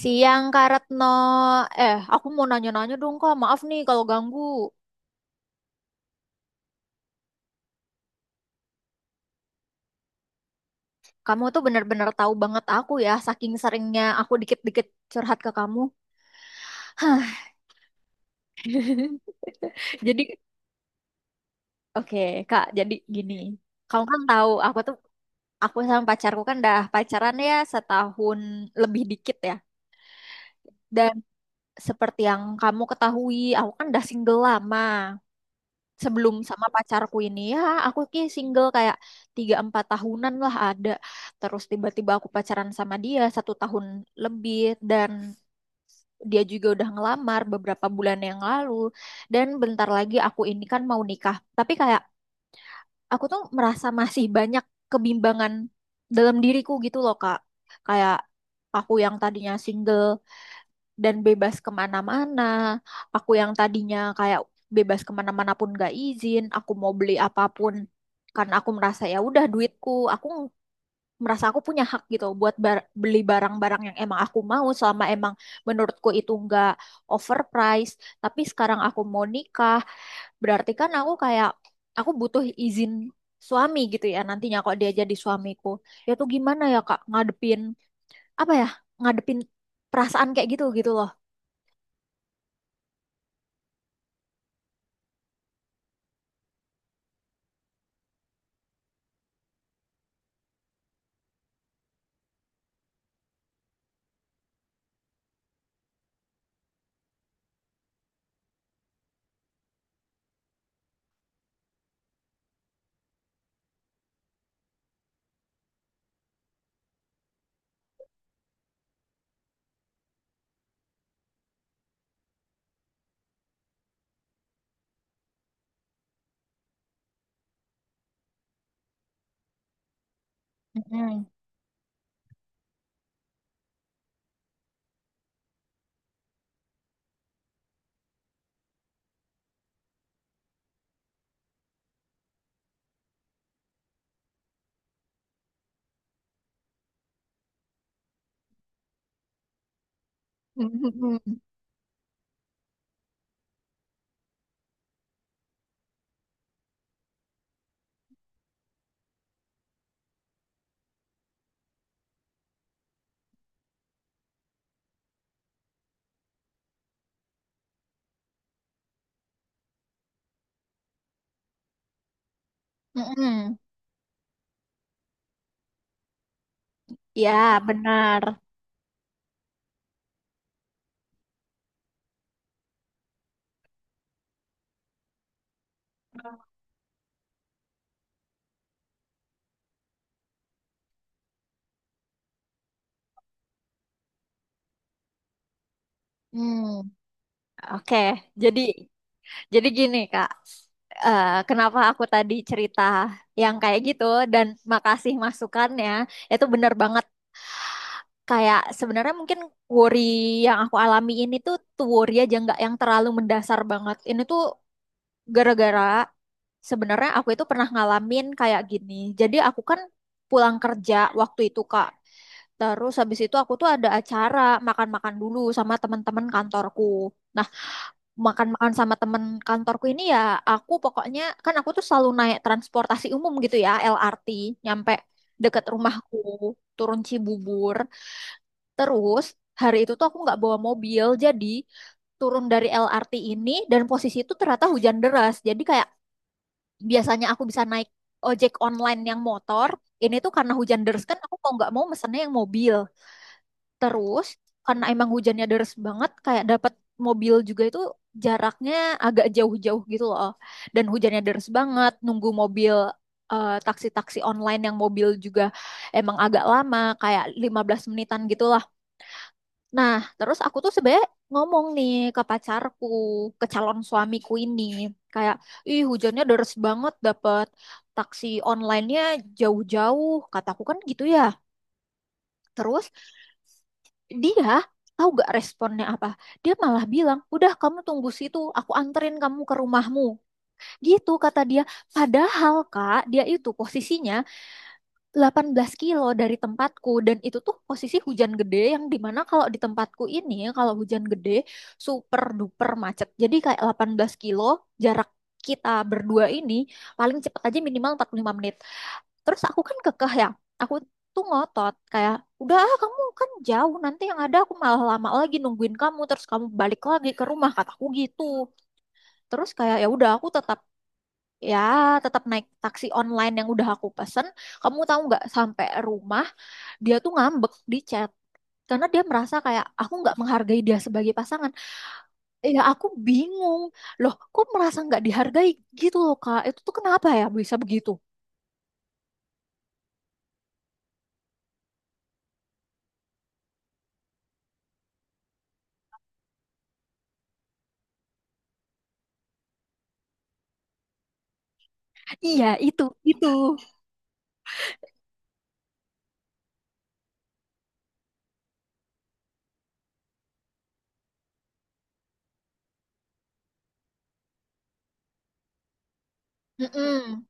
Siang Kak Retno, eh aku mau nanya-nanya dong Kak, maaf nih kalau ganggu. Kamu tuh bener-bener tahu banget aku ya, saking seringnya aku dikit-dikit curhat ke kamu. Hah, jadi oke Kak, jadi gini. Kamu kan tahu aku tuh, aku sama pacarku kan dah pacaran ya setahun lebih dikit ya. Dan seperti yang kamu ketahui, aku kan udah single lama. Sebelum sama pacarku ini ya, aku ki single kayak tiga empat tahunan lah ada. Terus tiba-tiba aku pacaran sama dia satu tahun lebih, dan dia juga udah ngelamar beberapa bulan yang lalu. Dan bentar lagi aku ini kan mau nikah, tapi kayak aku tuh merasa masih banyak kebimbangan dalam diriku gitu loh Kak, kayak aku yang tadinya single dan bebas kemana-mana. Aku yang tadinya kayak bebas kemana-mana pun gak izin, aku mau beli apapun karena aku merasa ya udah duitku, aku merasa aku punya hak gitu buat beli barang-barang yang emang aku mau selama emang menurutku itu nggak overpriced. Tapi sekarang aku mau nikah, berarti kan aku kayak aku butuh izin suami gitu ya nantinya kalau dia jadi suamiku. Ya tuh gimana ya Kak ngadepin apa ya? Ngadepin perasaan kayak gitu gitu loh. Mm-mm. Mm-mm. Mm-mm. Ya, benar. Mm. Oke, jadi jadi gini Kak. Eh, kenapa aku tadi cerita yang kayak gitu, dan makasih masukannya, itu benar banget. Kayak sebenarnya mungkin worry yang aku alami ini tuh worry aja nggak yang terlalu mendasar banget. Ini tuh gara-gara sebenarnya aku itu pernah ngalamin kayak gini. Jadi aku kan pulang kerja waktu itu Kak. Terus habis itu aku tuh ada acara makan-makan dulu sama teman-teman kantorku. Nah, makan-makan sama temen kantorku ini ya, aku pokoknya kan aku tuh selalu naik transportasi umum gitu ya, LRT nyampe deket rumahku, turun Cibubur. Terus hari itu tuh aku nggak bawa mobil, jadi turun dari LRT ini, dan posisi itu ternyata hujan deras. Jadi kayak biasanya aku bisa naik ojek online yang motor, ini tuh karena hujan deres kan aku mau nggak mau mesennya yang mobil. Terus karena emang hujannya deres banget, kayak dapat mobil juga itu jaraknya agak jauh-jauh gitu loh. Dan hujannya deres banget, nunggu mobil eh, taksi-taksi online yang mobil juga emang agak lama, kayak 15 menitan gitu. Nah, terus aku tuh sebenarnya ngomong nih ke pacarku, ke calon suamiku ini, kayak, ih hujannya deres banget, dapet taksi online-nya jauh-jauh, kataku kan gitu ya. Terus dia tahu gak responnya apa? Dia malah bilang, udah kamu tunggu situ, aku anterin kamu ke rumahmu. Gitu kata dia. Padahal Kak, dia itu posisinya 18 kilo dari tempatku, dan itu tuh posisi hujan gede yang dimana kalau di tempatku ini kalau hujan gede super duper macet. Jadi kayak 18 kilo jarak kita berdua ini paling cepet aja minimal 45 menit. Terus aku kan kekeh ya, aku tuh ngotot kayak, udah ah, kamu kan jauh, nanti yang ada aku malah lama lagi nungguin kamu terus kamu balik lagi ke rumah, kataku gitu. Terus kayak ya udah aku tetap ya tetap naik taksi online yang udah aku pesen. Kamu tahu nggak, sampai rumah dia tuh ngambek di chat karena dia merasa kayak aku nggak menghargai dia sebagai pasangan. Ya aku bingung, loh kok merasa nggak dihargai gitu loh Kak, itu tuh kenapa ya bisa begitu. Iya itu. Mm-mm.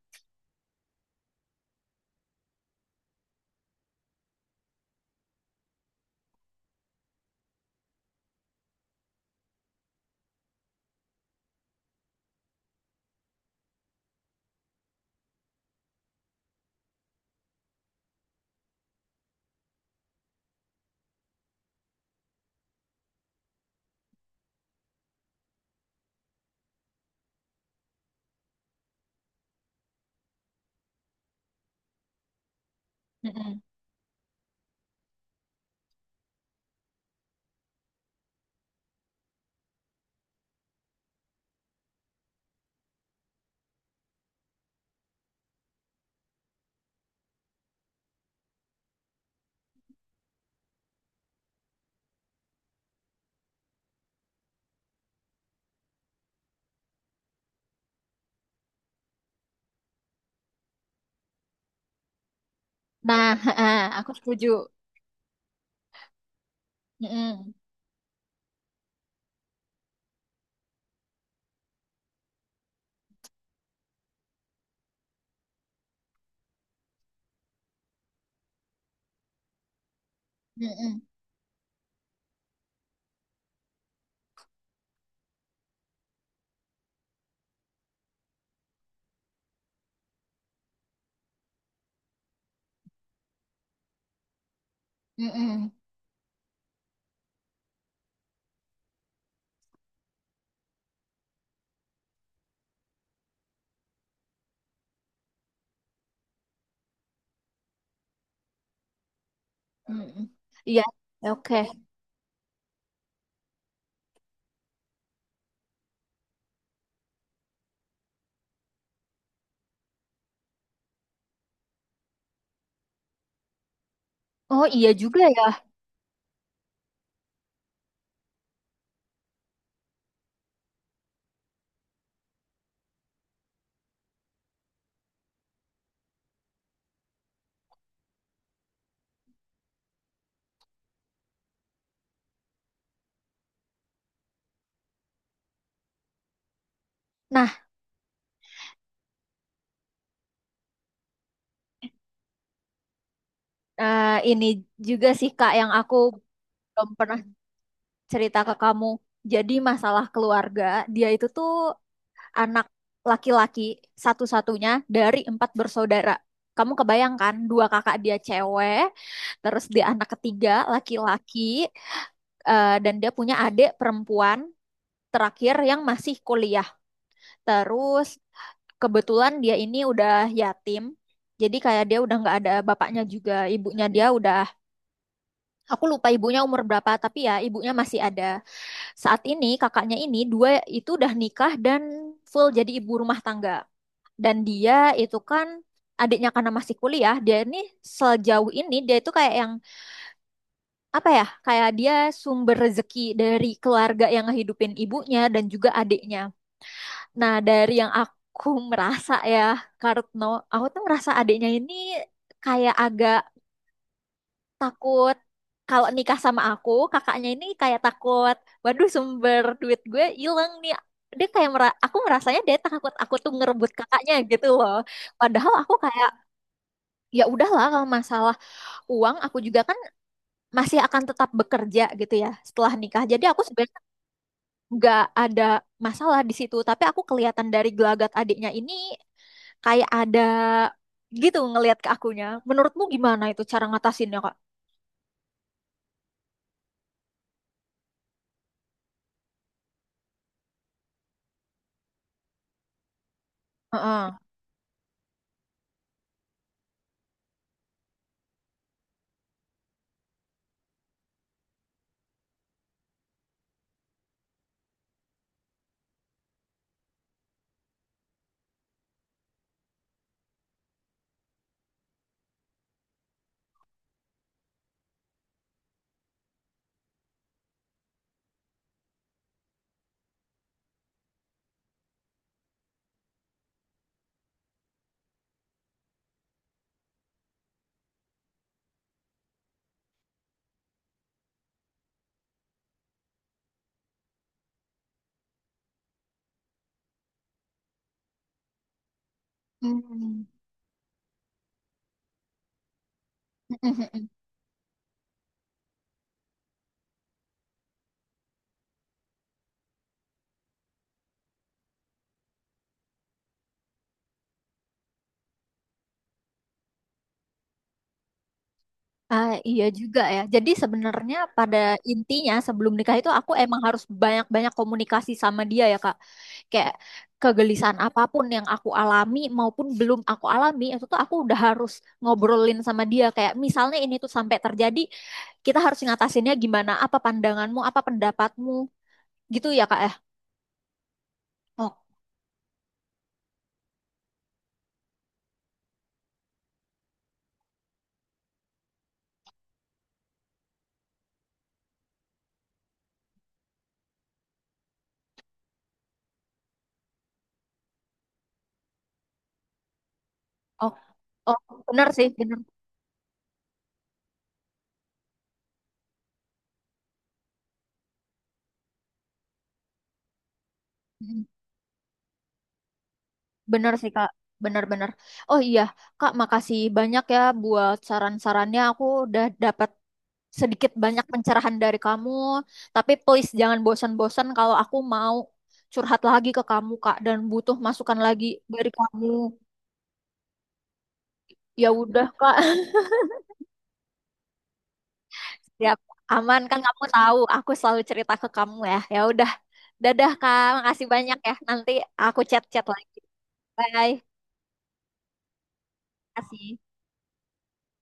Mm-mm. Nah heeh, aku setuju. Mm-mm. Mm-mm. Mm-mm. Mm-mm. Iya, oke. Oh iya juga ya. Nah, eh, ini juga sih Kak yang aku belum pernah cerita ke kamu. Jadi masalah keluarga, dia itu tuh anak laki-laki satu-satunya dari empat bersaudara. Kamu kebayangkan dua kakak dia cewek, terus dia anak ketiga laki-laki, eh, dan dia punya adik perempuan terakhir yang masih kuliah. Terus kebetulan dia ini udah yatim, jadi kayak dia udah nggak ada bapaknya juga, ibunya dia udah, aku lupa ibunya umur berapa, tapi ya ibunya masih ada. Saat ini kakaknya ini dua itu udah nikah dan full jadi ibu rumah tangga. Dan dia itu kan adiknya karena masih kuliah, dia ini sejauh ini dia itu kayak yang apa ya? Kayak dia sumber rezeki dari keluarga yang ngehidupin ibunya dan juga adiknya. Nah, dari yang aku merasa ya, Kartno, aku tuh merasa adiknya ini kayak agak takut kalau nikah sama aku, kakaknya ini kayak takut, waduh sumber duit gue hilang nih. Dia kayak aku merasanya dia takut aku tuh ngerebut kakaknya gitu loh. Padahal aku kayak ya udahlah, kalau masalah uang aku juga kan masih akan tetap bekerja gitu ya setelah nikah, jadi aku sebenarnya nggak ada masalah di situ. Tapi aku kelihatan dari gelagat adiknya ini kayak ada gitu ngelihat ke akunya. Menurutmu gimana itu cara ngatasinnya Kak? Heeh. Hmm. Ah, iya juga ya. Jadi sebenarnya pada intinya sebelum nikah itu aku emang harus banyak-banyak komunikasi sama dia ya Kak. Kayak kegelisahan apapun yang aku alami maupun belum aku alami itu tuh aku udah harus ngobrolin sama dia. Kayak misalnya ini tuh sampai terjadi, kita harus ngatasinnya gimana? Apa pandanganmu? Apa pendapatmu? Gitu ya Kak ya. Oh, oh, oh, benar sih, benar. Bener sih Kak, bener-bener. Oh iya, Kak, makasih banyak ya buat saran-sarannya. Aku udah dapat sedikit banyak pencerahan dari kamu. Tapi please jangan bosan-bosan kalau aku mau curhat lagi ke kamu, Kak, dan butuh masukan lagi dari kamu. Ya udah, Kak. Ya, aman kan kamu tahu, aku selalu cerita ke kamu ya. Ya udah. Dadah, Kak. Makasih banyak ya. Nanti aku chat-chat lagi. Bye. Kasih